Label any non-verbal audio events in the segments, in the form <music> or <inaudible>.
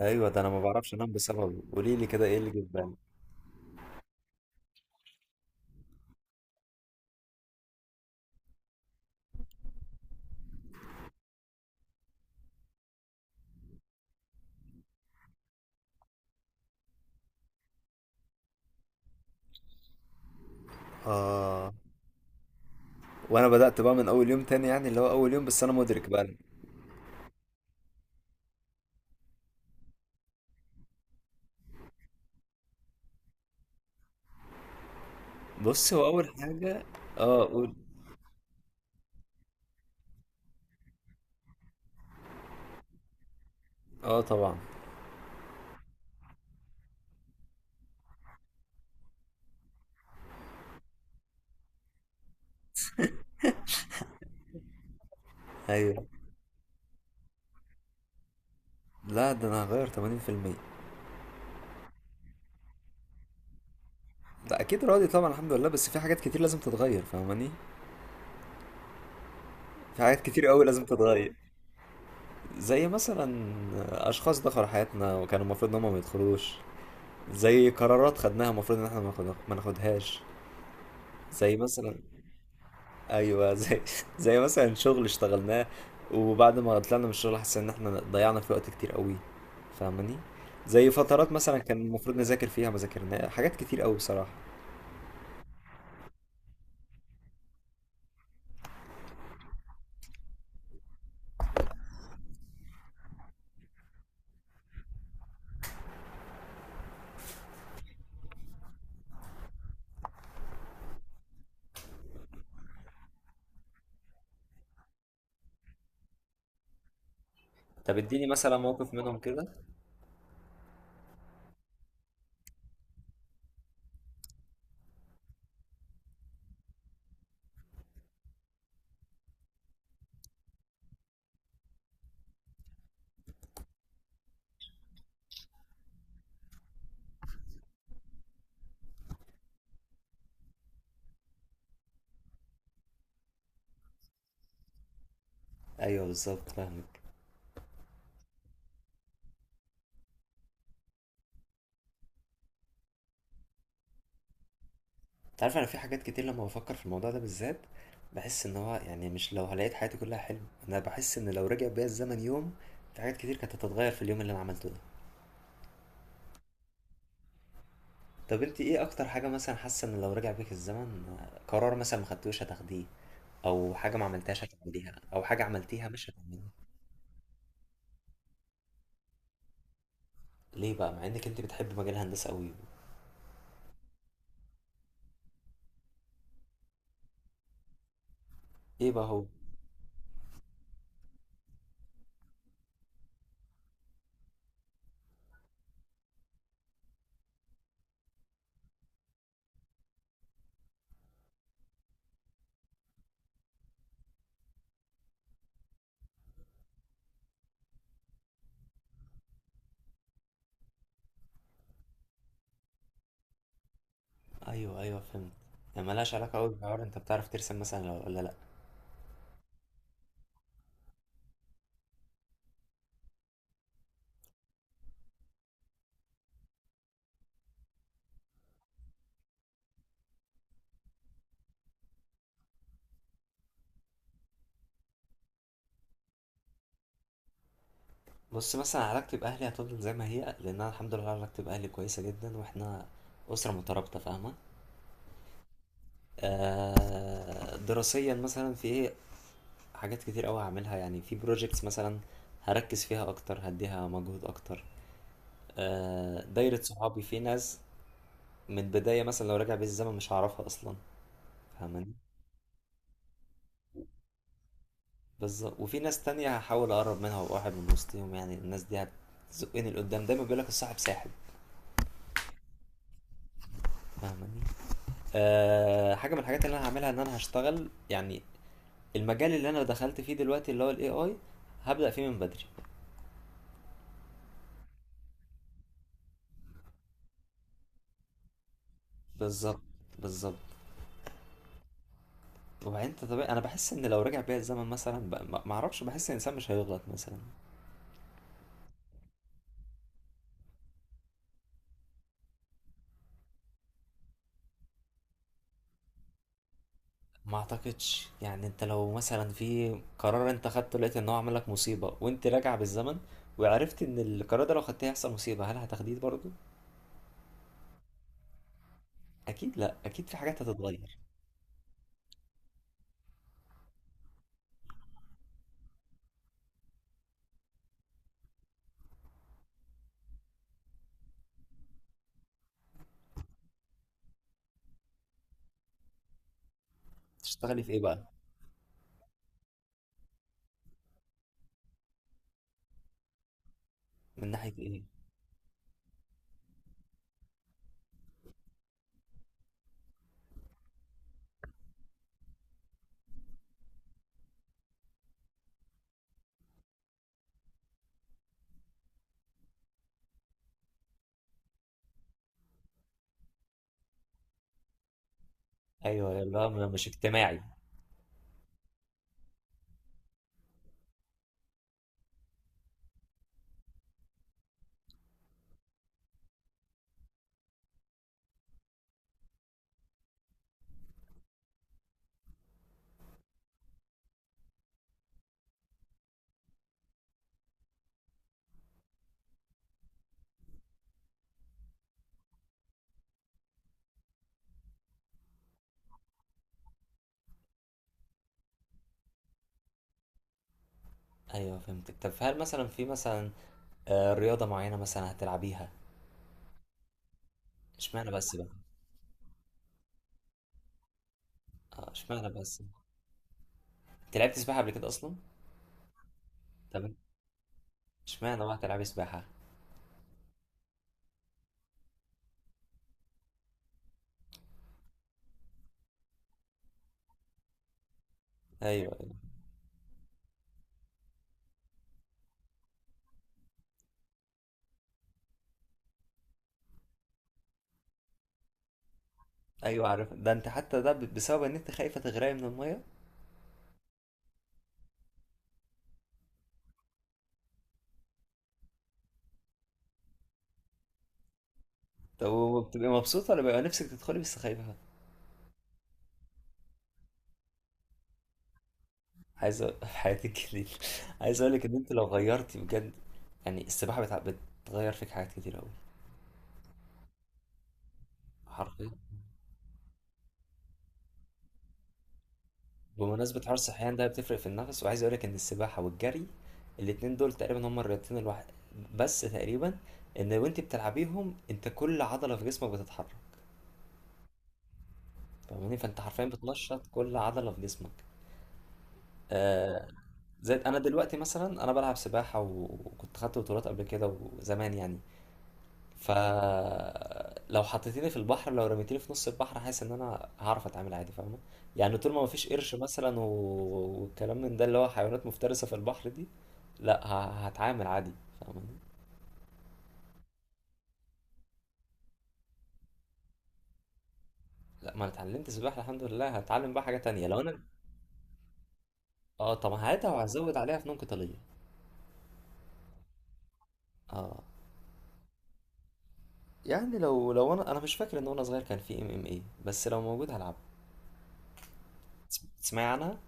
ايوه، ده انا ما بعرفش انام بسببه. قولي لي كده، ايه اللي جبان؟ اه. وانا بدأت بقى من اول يوم تاني، يعني اللي هو اول يوم بس انا مدرك بقى. بص، هو اول حاجة. اه، قول. اه، طبعا. ايوه. لا، ده انا هغير 80%. لا، اكيد راضي طبعا، الحمد لله، بس في حاجات كتير لازم تتغير، فاهماني؟ في حاجات كتير قوي لازم تتغير. زي مثلا اشخاص دخلوا حياتنا وكانوا المفروض ان هم ما يدخلوش. زي قرارات خدناها المفروض ان احنا ما ناخدهاش. زي مثلا. ايوه، زي. زي مثلا شغل اشتغلناه، وبعد ما طلعنا من الشغل حسينا ان احنا ضيعنا في وقت كتير قوي، فاهماني؟ زي فترات مثلا كان المفروض نذاكر فيها ما ذاكرناها، حاجات كتير قوي بصراحه. طب اديني مثلا موقف منهم كده. ايوه، بالظبط، فاهمك. انت عارف، انا في حاجات كتير لما بفكر في الموضوع ده بالذات بحس ان هو يعني، مش لو لقيت حياتي كلها حلم، انا بحس ان لو رجع بيا الزمن يوم، في حاجات كتير كانت هتتغير في اليوم اللي انا عملته ده. طب انت ايه اكتر حاجه مثلا حاسه ان لو رجع بيك الزمن، قرار مثلا ما خدتوش هتاخديه، او حاجه ما عملتهاش هتعمليها، او حاجه عملتيها مش هتعمليها؟ ليه بقى مع انك انت بتحب مجال الهندسه قوي؟ ايه بقى هو؟ ايوه، ايوه، فهمت. يعني ملهاش علاقه قوي بالعوار، انت بتعرف ترسم مثلا ولا لا؟ بص، مثلا علاقتي باهلي هتفضل زي ما هي، لان انا الحمد لله علاقتي باهلي كويسه جدا، واحنا اسره مترابطه، فاهمه؟ دراسيا مثلا في ايه. حاجات كتير قوي هعملها، يعني في بروجيكتس مثلا هركز فيها اكتر، هديها مجهود اكتر. دايره صحابي في ناس، من البدايه مثلا لو راجع بيا الزمن مش هعرفها اصلا، فاهماني؟ بالظبط. وفي ناس تانية هحاول اقرب منها وابقى واحد من وسطهم، يعني الناس دي هتزقني لقدام، دايما بيقول لك الصاحب ساحب، فاهماني؟ حاجه من الحاجات اللي انا هعملها ان انا هشتغل، يعني المجال اللي انا دخلت فيه دلوقتي اللي هو الاي اي، هبدا فيه من بدري. بالظبط، بالظبط. وبعدين انت طبيعي، انا بحس ان لو رجع بيا الزمن مثلا، ما اعرفش، بحس ان الانسان مش هيغلط مثلا. ما اعتقدش، يعني انت لو مثلا في قرار انت خدته لقيت ان هو عمل لك مصيبة، وانت راجع بالزمن وعرفت ان القرار ده لو خدته هيحصل مصيبة، هل هتاخديه برضه؟ اكيد لا، اكيد في حاجات هتتغير. تشتغلي في ايه بقى؟ من ناحية ايه؟ ايوه، لا، مش اجتماعي. ايوه، فهمتك. طب هل مثلا في مثلا، رياضة معينة مثلا هتلعبيها؟ اشمعنى بس بقى؟ اه، اشمعنى بس. انت لعبت سباحة قبل كده اصلا؟ تمام. اشمعنى بقى هتلعبي سباحة؟ ايوه، ايوه. أيوة، عارف ده، انت حتى ده بسبب ان انت خايفة تغرقي من المية؟ طب وبتبقي مبسوطة ولا بيبقى نفسك تدخلي بس خايفة؟ عايز <laughs> في حياتك ليه؟ <laughs> عايز أقول لك إن أنت لو غيرتي بجد، يعني السباحة بتغير فيك حاجات كتير أوي، حرفيا. بمناسبة حوار الصحيان ده بتفرق في النفس، وعايز أقول لك إن السباحة والجري، الاتنين دول تقريبا هما الرياضتين الواحد، بس تقريبا، إن وأنت بتلعبيهم أنت كل عضلة في جسمك بتتحرك، فاهماني؟ فأنت حرفيا بتنشط كل عضلة في جسمك. آه... زي انا دلوقتي مثلا، انا بلعب سباحه، وكنت خدت بطولات قبل كده وزمان يعني، فلو حطيتيني في البحر، لو رميتيني في نص البحر، حاسس ان انا هعرف اتعامل عادي، فاهمه؟ يعني طول ما مفيش قرش مثلا والكلام من ده اللي هو حيوانات مفترسه في البحر دي، لا هتعامل عادي، فاهمه؟ لا، ما انا اتعلمت سباحه الحمد لله، هتعلم بقى حاجه تانية لو انا. اه، طب هعيدها وهزود عليها فنون قتاليه. اه، يعني لو انا مش فاكر ان وانا صغير كان في MMA، بس لو موجود هلعب. تسمعي عنها.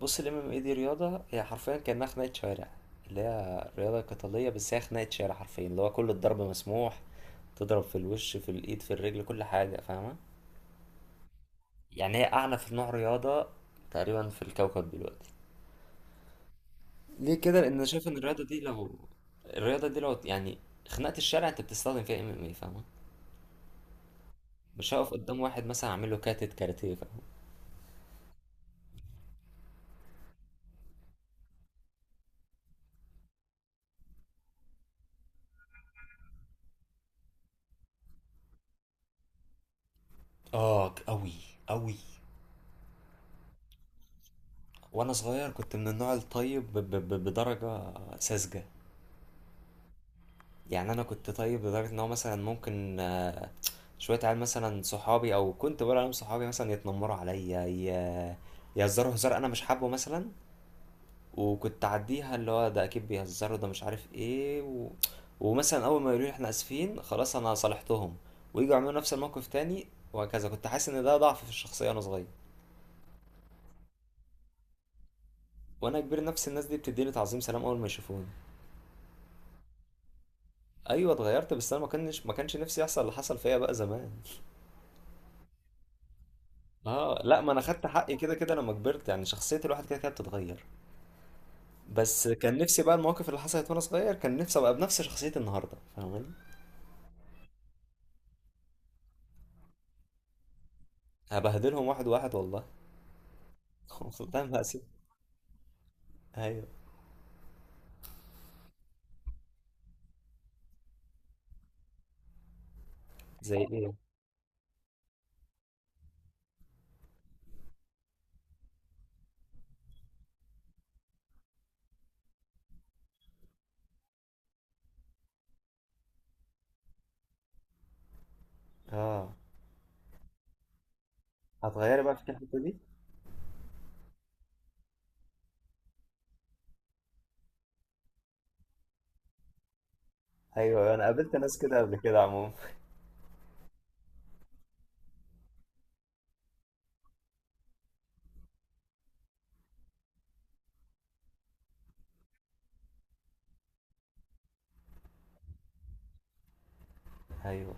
بص ال MMA دي رياضة، هي حرفيا كأنها خناقة شوارع، اللي هي رياضة قتالية بس هي خناقة شارع حرفيا، اللي هو كل الضرب مسموح. تضرب في الوش، في الإيد، في الرجل، كل حاجة، فاهمة؟ يعني هي أعنف نوع رياضة تقريبا في الكوكب دلوقتي. ليه كده؟ لأن أنا شايف إن الرياضة دي لو يعني خناقة الشارع أنت بتستخدم فيها MMA، فاهمة؟ مش هقف قدام واحد مثلا أعمل له كاراتيه، فاهمة؟ اه، أوي، أوي. وأنا صغير كنت من النوع الطيب، بدرجة ساذجة. يعني انا كنت طيب لدرجه ان هو مثلا ممكن، شويه عيال مثلا صحابي او كنت بقول عليهم صحابي مثلا يتنمروا عليا، يهزروا هزار انا مش حابه مثلا. وكنت اعديها اللي هو ده اكيد بيهزروا ده مش عارف ايه ومثلا اول ما يقولوا لي احنا اسفين خلاص انا صالحتهم، ويجوا يعملوا نفس الموقف تاني، وهكذا. كنت حاسس ان ده ضعف في الشخصيه وانا صغير. وانا كبير نفس الناس دي بتديني تعظيم سلام اول ما يشوفوني. ايوه، اتغيرت بس انا ما كانش نفسي يحصل اللي حصل فيا بقى زمان. اه، لا، ما انا خدت حقي كده كده لما كبرت، يعني شخصية الواحد كده كده بتتغير، بس كان نفسي بقى المواقف اللي حصلت وانا صغير، كان نفسي ابقى بنفس شخصية النهاردة، فاهماني؟ هبهدلهم واحد واحد والله. <laughs> والله ما هسيب. ايوه. زي ايه. اه، هتغيري بقى في الحتة دي. ايوه، أيوه. انا قابلت ناس كده قبل كده عموما. <laughs> ايوه.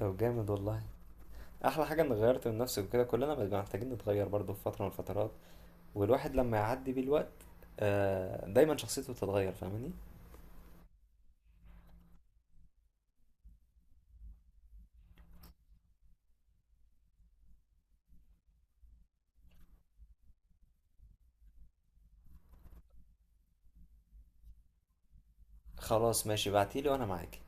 طب جامد والله. احلى حاجة اني غيرت من نفسي، وكده كلنا بنبقى محتاجين نتغير برضه في فترة من الفترات، والواحد لما يعدي بيه الوقت دايما شخصيته بتتغير، فاهماني؟ خلاص ماشي، بعتيلي وانا معاكي.